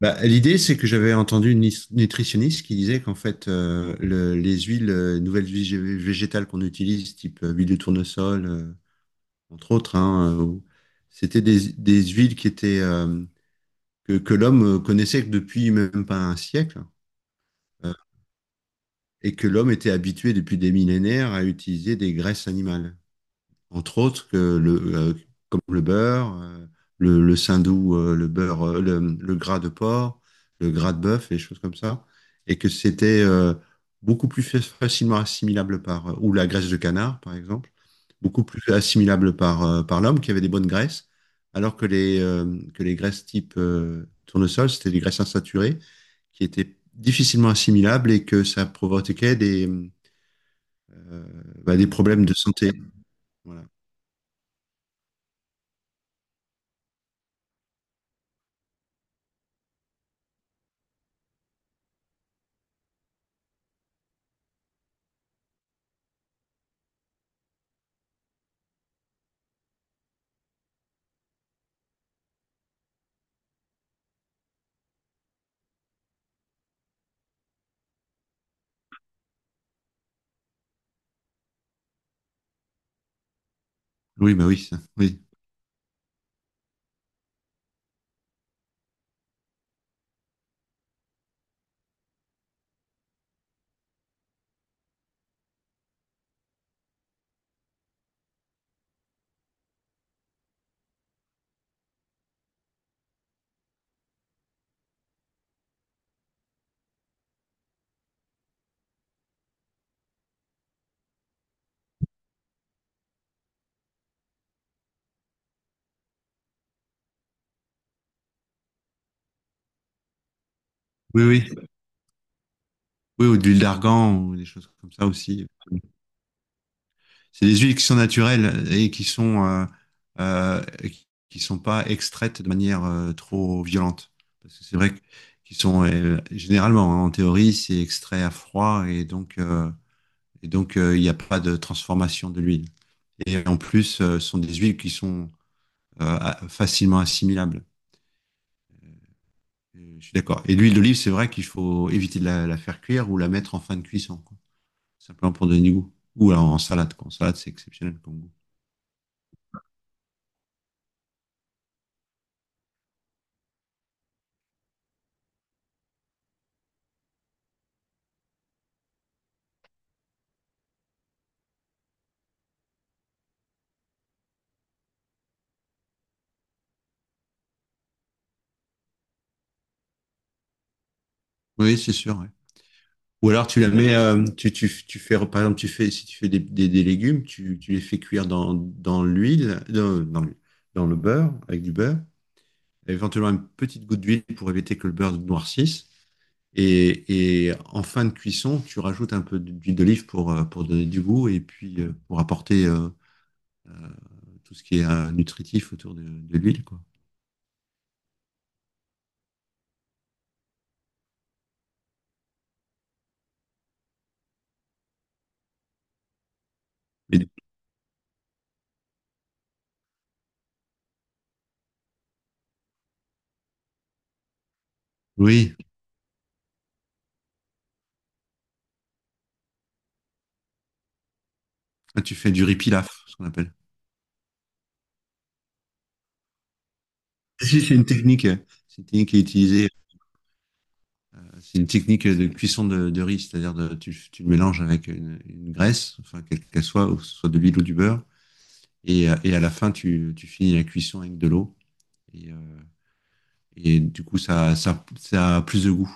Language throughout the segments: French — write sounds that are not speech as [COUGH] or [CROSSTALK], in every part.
Bah, l'idée, c'est que j'avais entendu une nutritionniste qui disait qu'en fait, les huiles, nouvelles huiles végétales qu'on utilise, type huile de tournesol, entre autres, hein, c'était des huiles qui étaient, que l'homme connaissait que depuis même pas un siècle, euh, et que l'homme était habitué depuis des millénaires à utiliser des graisses animales. Entre autres que comme le beurre, le saindoux, le beurre, le gras de porc, le gras de bœuf et des choses comme ça, et que c'était beaucoup plus facilement assimilable par, ou la graisse de canard par exemple, beaucoup plus assimilable par l'homme qui avait des bonnes graisses, alors que que les graisses type tournesol, c'était des graisses insaturées qui étaient difficilement assimilables et que ça provoquait euh, bah, des problèmes de santé. Voilà. Oui, bah oui, ça, oui. Oui, oui, oui, ou de l'huile d'argan ou des choses comme ça aussi. C'est des huiles qui sont naturelles et euh, qui sont pas extraites de manière trop violente. Parce que c'est vrai qu'ils sont généralement, hein, en théorie, c'est extrait à froid et donc il n'y a pas de transformation de l'huile. Et en plus, ce sont des huiles qui sont facilement assimilables. Je suis d'accord. Et l'huile d'olive, c'est vrai qu'il faut éviter de la faire cuire ou la mettre en fin de cuisson, quoi, simplement pour donner du goût. Ou alors en salade, quoi. En salade, c'est exceptionnel comme goût. Oui, c'est sûr, ouais. Ou alors tu la mets, tu fais, par exemple, tu fais, si tu fais des légumes, tu les fais cuire dans l'huile, dans le beurre, avec du beurre, éventuellement une petite goutte d'huile pour éviter que le beurre noircisse. Et en fin de cuisson, tu rajoutes un peu d'huile d'olive pour donner du goût et puis pour apporter tout ce qui est nutritif autour de l'huile, quoi. Mais, oui, tu fais du riz pilaf, ce qu'on appelle. Si, c'est une technique qui est utilisée, c'est une technique de cuisson de riz, c'est-à-dire tu le mélanges avec une graisse, enfin, quelle qu'elle soit, ou que ce soit de l'huile ou du beurre, et à la fin, tu finis la cuisson avec de l'eau, et, euh, et du coup, ça a plus de goût.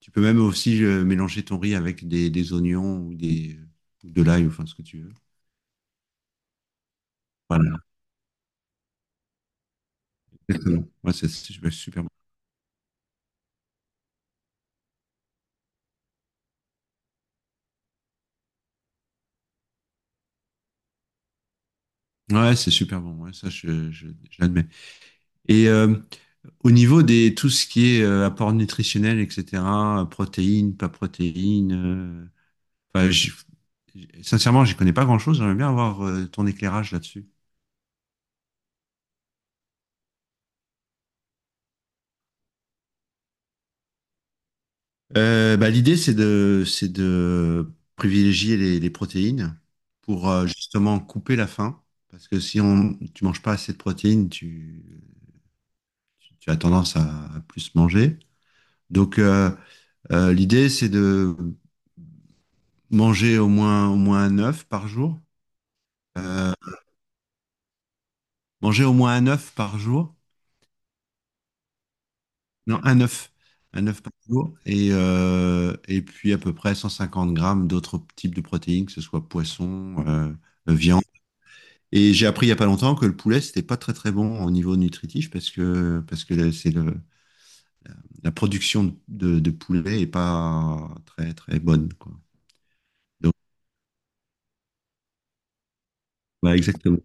Tu peux même aussi mélanger ton riz avec des oignons ou de l'ail, ou enfin, ce que tu veux. Voilà, exactement. Ouais, c'est super bon. Ouais, c'est super bon, ouais, ça, je l'admets. Et euh, Au niveau des tout ce qui est apport nutritionnel, etc., protéines, pas protéines, enfin, sincèrement, j'y connais pas grand-chose. J'aimerais bien avoir ton éclairage là-dessus. Bah, l'idée, c'est de privilégier les protéines pour justement couper la faim. Parce que si on, tu manges pas assez de protéines, tu as tendance à plus manger. Donc, l'idée, c'est de manger au moins un œuf par jour. Euh, Manger au moins un œuf par jour. Non, un œuf. Un œuf par jour. Et puis à peu près 150 grammes d'autres types de protéines, que ce soit poisson, viande. Et j'ai appris il n'y a pas longtemps que le poulet, c'était pas très très bon au niveau nutritif parce que la production de poulet est pas très très bonne, quoi. Donc, ouais, exactement.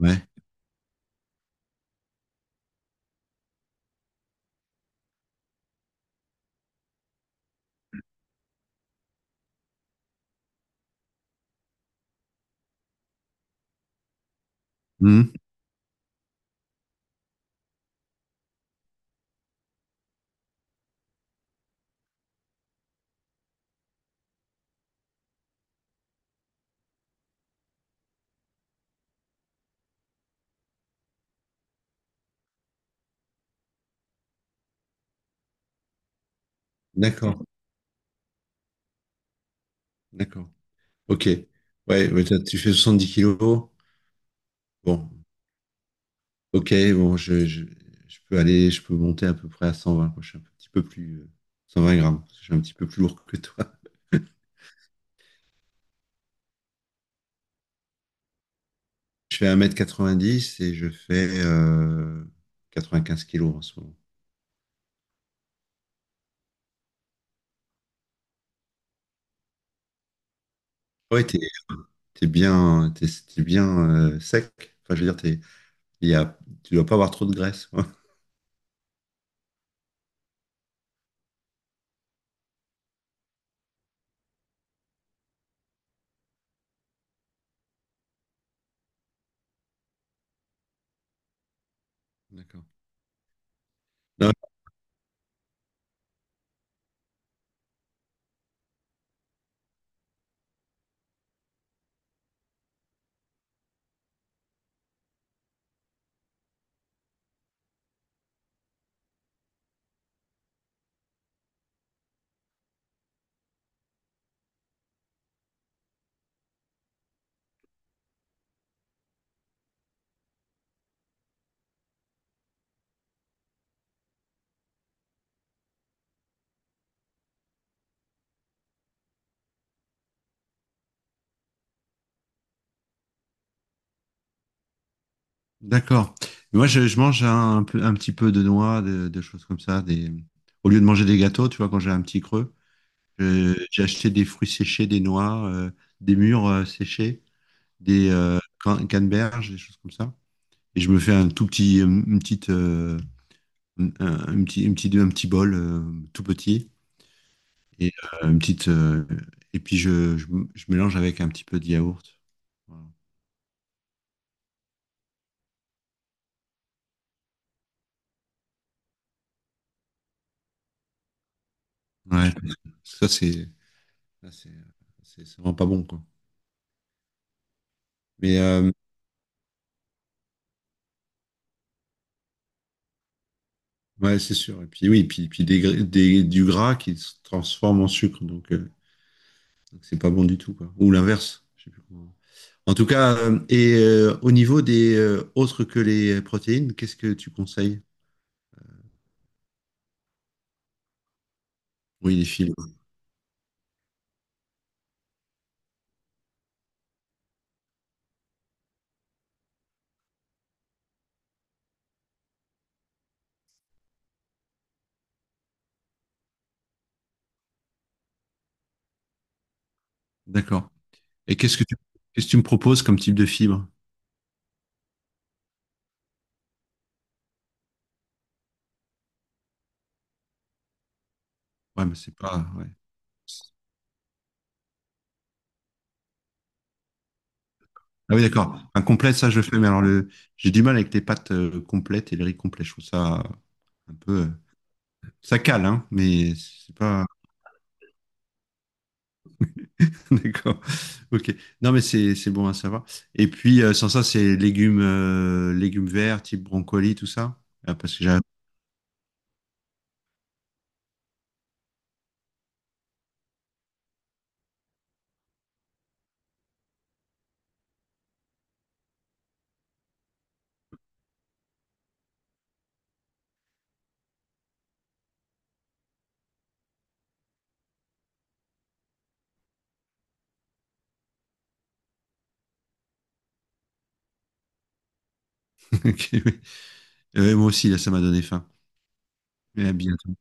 Ouais. Mhm. D'accord. D'accord. Ok. Ouais, ouais, tu fais 70 kilos. Bon. Ok, bon, je peux aller, je peux monter à peu près à 120, quoi. Je suis un petit peu plus, 120 grammes, parce que je suis un petit peu plus lourd que toi. Je fais 1m90 et je fais 95 kilos en ce moment. Ouais, t'es bien, t'es bien sec. Enfin, je veux dire, t'es, il y a, tu dois pas avoir trop de graisse, quoi. D'accord. Non, d'accord. Moi, je mange un petit peu de noix, de choses comme ça. Au lieu de manger des gâteaux, tu vois, quand j'ai un petit creux, j'ai acheté des fruits séchés, des noix, des mûres séchées, des canneberges, des choses comme ça. Et je me fais un petit bol tout petit. Et euh, une petite, euh, et puis je mélange avec un petit peu de yaourt. Voilà. Ouais, ça c'est, ça, c'est vraiment pas bon, quoi. Mais, ouais, c'est sûr. Et puis oui, puis du gras qui se transforme en sucre. Donc c'est pas bon du tout, quoi. Ou l'inverse. Je sais plus comment. En tout cas, au niveau des autres que les protéines, qu'est-ce que tu conseilles? Oui, les fibres. D'accord. Et qu'est-ce que tu me proposes comme type de fibre? Ouais, mais c'est pas. Ouais. Ah oui, d'accord. Un complet, ça je le fais, mais j'ai du mal avec les pâtes complètes et les riz complets. Je trouve ça un peu, euh, ça cale, hein, mais c'est pas. [LAUGHS] D'accord. Ok. Non, mais c'est bon à savoir. Et puis, sans ça, c'est légumes, légumes verts, type brocoli, tout ça. Ah, parce que j'ai. [LAUGHS] Ok, oui. Moi aussi, là, ça m'a donné faim. Mais à bientôt.